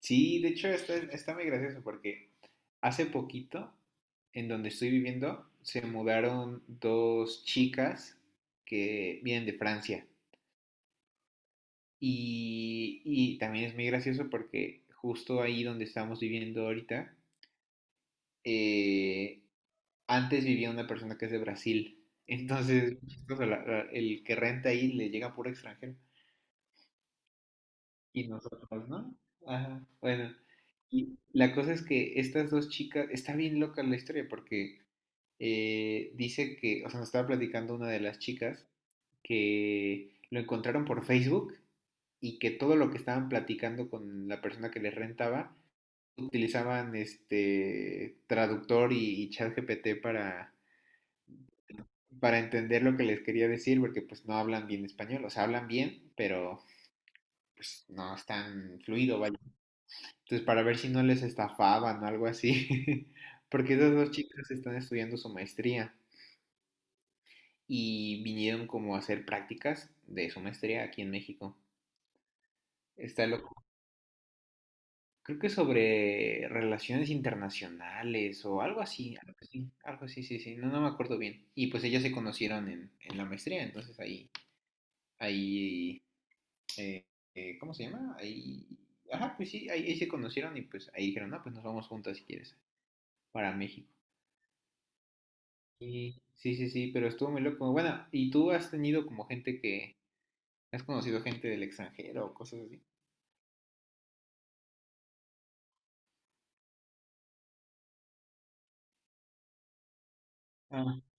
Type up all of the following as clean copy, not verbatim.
Sí, de hecho está muy gracioso porque hace poquito, en donde estoy viviendo, se mudaron dos chicas que vienen de Francia. Y también es muy gracioso porque justo ahí donde estamos viviendo ahorita, eh, antes vivía una persona que es de Brasil. Entonces, es muy chistoso, el que renta ahí le llega puro extranjero. Y nosotros, ¿no? Ajá, bueno. Y la cosa es que estas dos chicas, está bien loca la historia porque dice que, o sea, nos estaba platicando una de las chicas que lo encontraron por Facebook y que todo lo que estaban platicando con la persona que les rentaba utilizaban este traductor y chat para, para entender lo que les quería decir, porque pues no hablan bien español, o sea, hablan bien, pero pues no es tan fluido, vaya. Entonces, para ver si no les estafaban o algo así, porque esas dos chicas están estudiando su maestría. Y vinieron como a hacer prácticas de su maestría aquí en México. Está loco. Creo que sobre relaciones internacionales o algo así, algo así, algo así, sí, sí, no, no me acuerdo bien. Y pues ellas se conocieron en la maestría, entonces ahí, ahí, eh, ¿cómo se llama? Ahí, ajá, pues sí, ahí, ahí se conocieron y pues ahí dijeron, no, pues nos vamos juntas si quieres, para México. Y sí, sí, sí, pero estuvo muy loco. Bueno, ¿y tú has tenido como gente que, has conocido gente del extranjero o cosas así? Ah.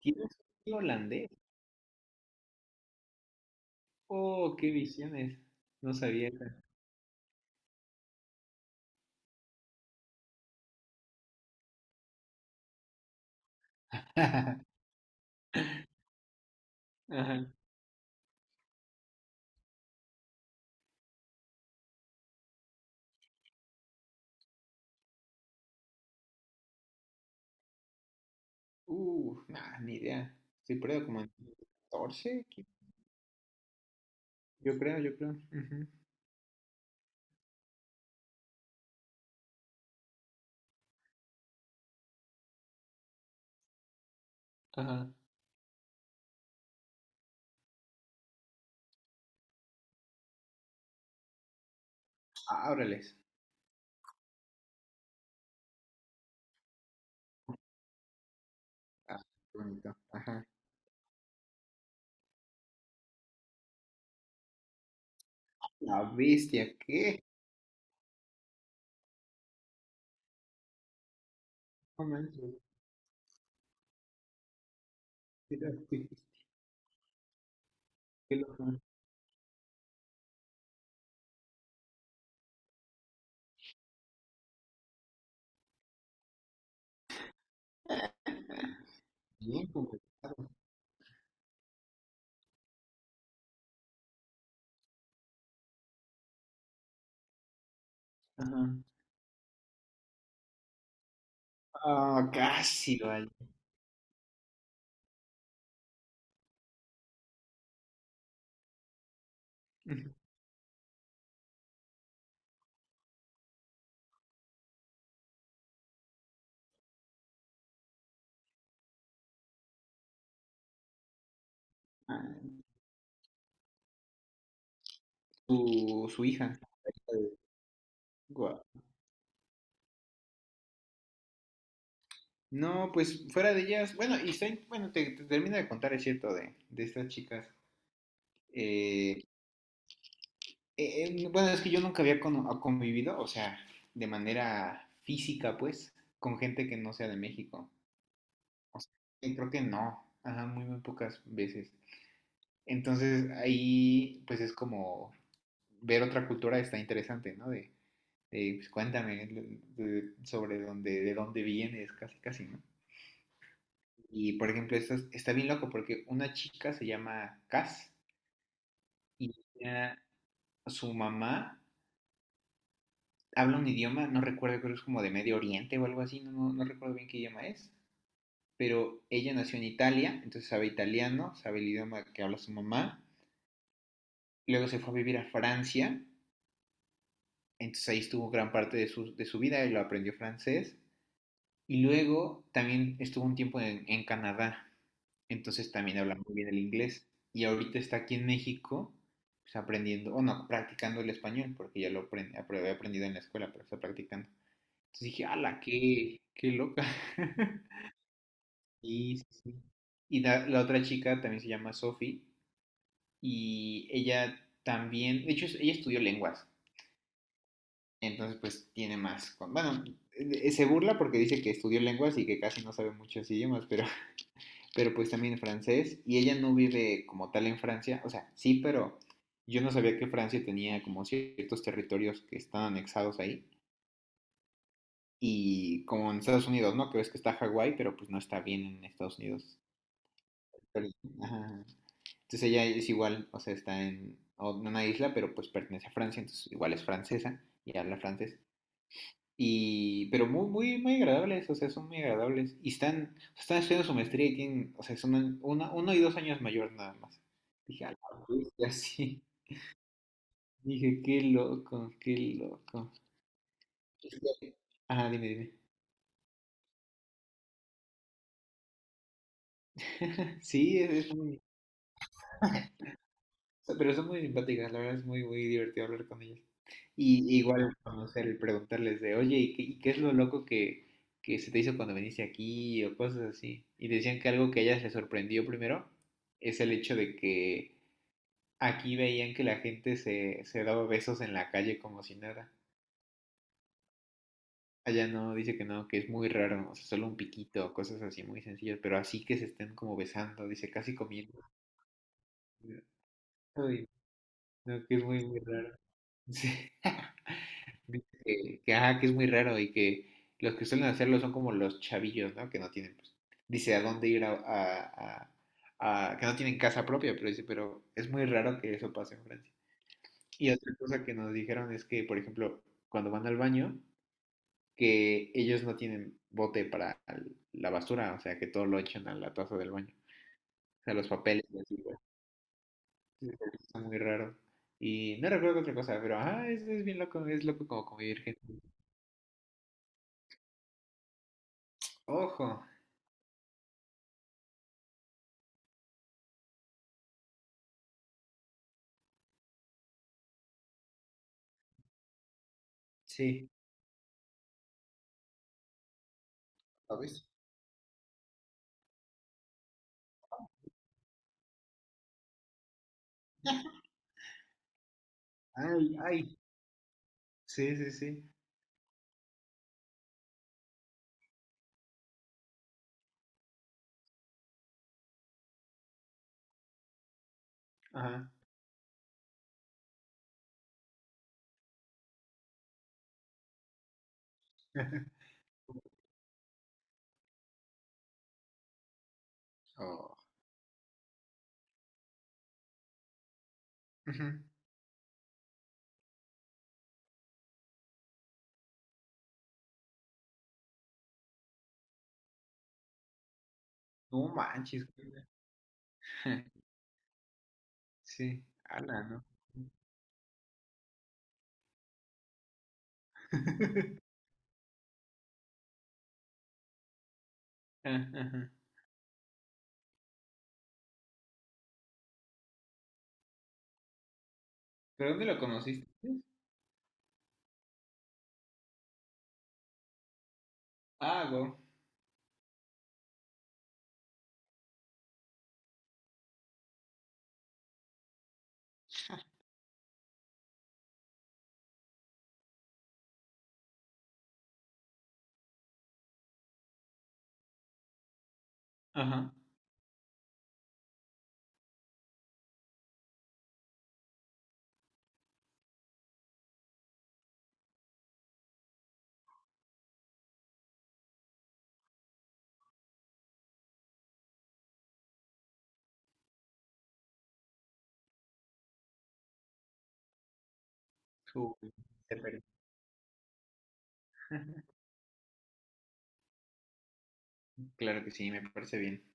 ¿Tienes un tío holandés? Oh, qué visiones. No sabía esa. Ajá. Nah, ni idea. Estoy perdido como en 14, yo creo, yo creo. Ujú. Ajá. Ah, órales. Ah, qué bonito. Ajá. La bestia, ¿qué? No manches, qué loco, qué loco. Bien complicado. Ajá. Ah, casi, vale. Ujú. Ah, su hija. No, pues fuera de ellas, bueno, bueno, te termino de contar, es cierto, de estas chicas. Eh, bueno, es que yo nunca había convivido, o sea, de manera física, pues, con gente que no sea de México. Y creo que no, ajá, muy pocas veces. Entonces ahí, pues es como ver otra cultura está interesante, ¿no? De, pues, cuéntame sobre dónde, de dónde vienes, casi, casi, ¿no? Y por ejemplo, está bien loco porque una chica se llama Cass y ella- su mamá habla un idioma, no recuerdo, creo que es como de Medio Oriente o algo así, no recuerdo bien qué idioma es, pero ella nació en Italia, entonces sabe italiano, sabe el idioma que habla su mamá, luego se fue a vivir a Francia, entonces ahí estuvo gran parte de de su vida y lo aprendió francés, y luego también estuvo un tiempo en Canadá, entonces también habla muy bien el inglés, y ahorita está aquí en México pues, aprendiendo, o no, practicando el español, porque ya había aprendido en la escuela, pero está practicando. Entonces dije, ala, qué loca. Sí, sí, sí. Y la otra chica también se llama Sophie y ella también, de hecho, ella estudió lenguas, entonces pues tiene más, bueno, se burla porque dice que estudió lenguas y que casi no sabe muchos idiomas, pero, pero pues también francés y ella no vive como tal en Francia, o sea, sí, pero yo no sabía que Francia tenía como ciertos territorios que están anexados ahí. Y como en Estados Unidos, ¿no? Que ves que está Hawái, pero pues no está bien en Estados Unidos. Pero- ajá. Entonces ella es igual, o sea, está en en una isla, pero pues pertenece a Francia, entonces igual es francesa y habla francés. Y, pero muy, muy, muy agradables, o sea, son muy agradables. Y están estudiando su maestría y tienen, o sea, son uno y dos años mayor nada más. Dije, "A la bestia, sí". Dije, qué loco, qué loco. Es que- Ajá, dime, dime. Sí, es muy, pero son muy simpáticas, la verdad es muy, muy divertido hablar con ellas. Y igual conocer y preguntarles de, oye, ¿y qué es lo loco que se te hizo cuando viniste aquí? O cosas así. Y decían que algo que a ellas les sorprendió primero es el hecho de que aquí veían que la gente se daba besos en la calle como si nada. Allá no, dice que no, que es muy raro, o sea, solo un piquito, cosas así muy sencillas, pero así que se estén como besando, dice, casi comiendo. Uy, no, que es muy, muy raro. Sí. Dice ajá, que es muy raro y que los que suelen hacerlo son como los chavillos, ¿no? Que no tienen, pues, dice a dónde que no tienen casa propia, pero dice, pero es muy raro que eso pase en Francia. Y otra cosa que nos dijeron es que, por ejemplo, cuando van al baño, que ellos no tienen bote para la basura, o sea, que todo lo echan a la taza del baño, o sea, los papeles y así, güey. Entonces, está muy raro. Y no recuerdo otra cosa, pero ajá, es bien loco, es loco como convivir gente. Ojo, sí. Ay, ay, sí, sí, sí. Ajá. Oh, ujú. No manches, güey. Sí, ala, ¿no? Ah, ajá. ¿Pero dónde lo conociste? Ah, wow. Ajá. Uy, te perdí. Claro que sí, me parece bien.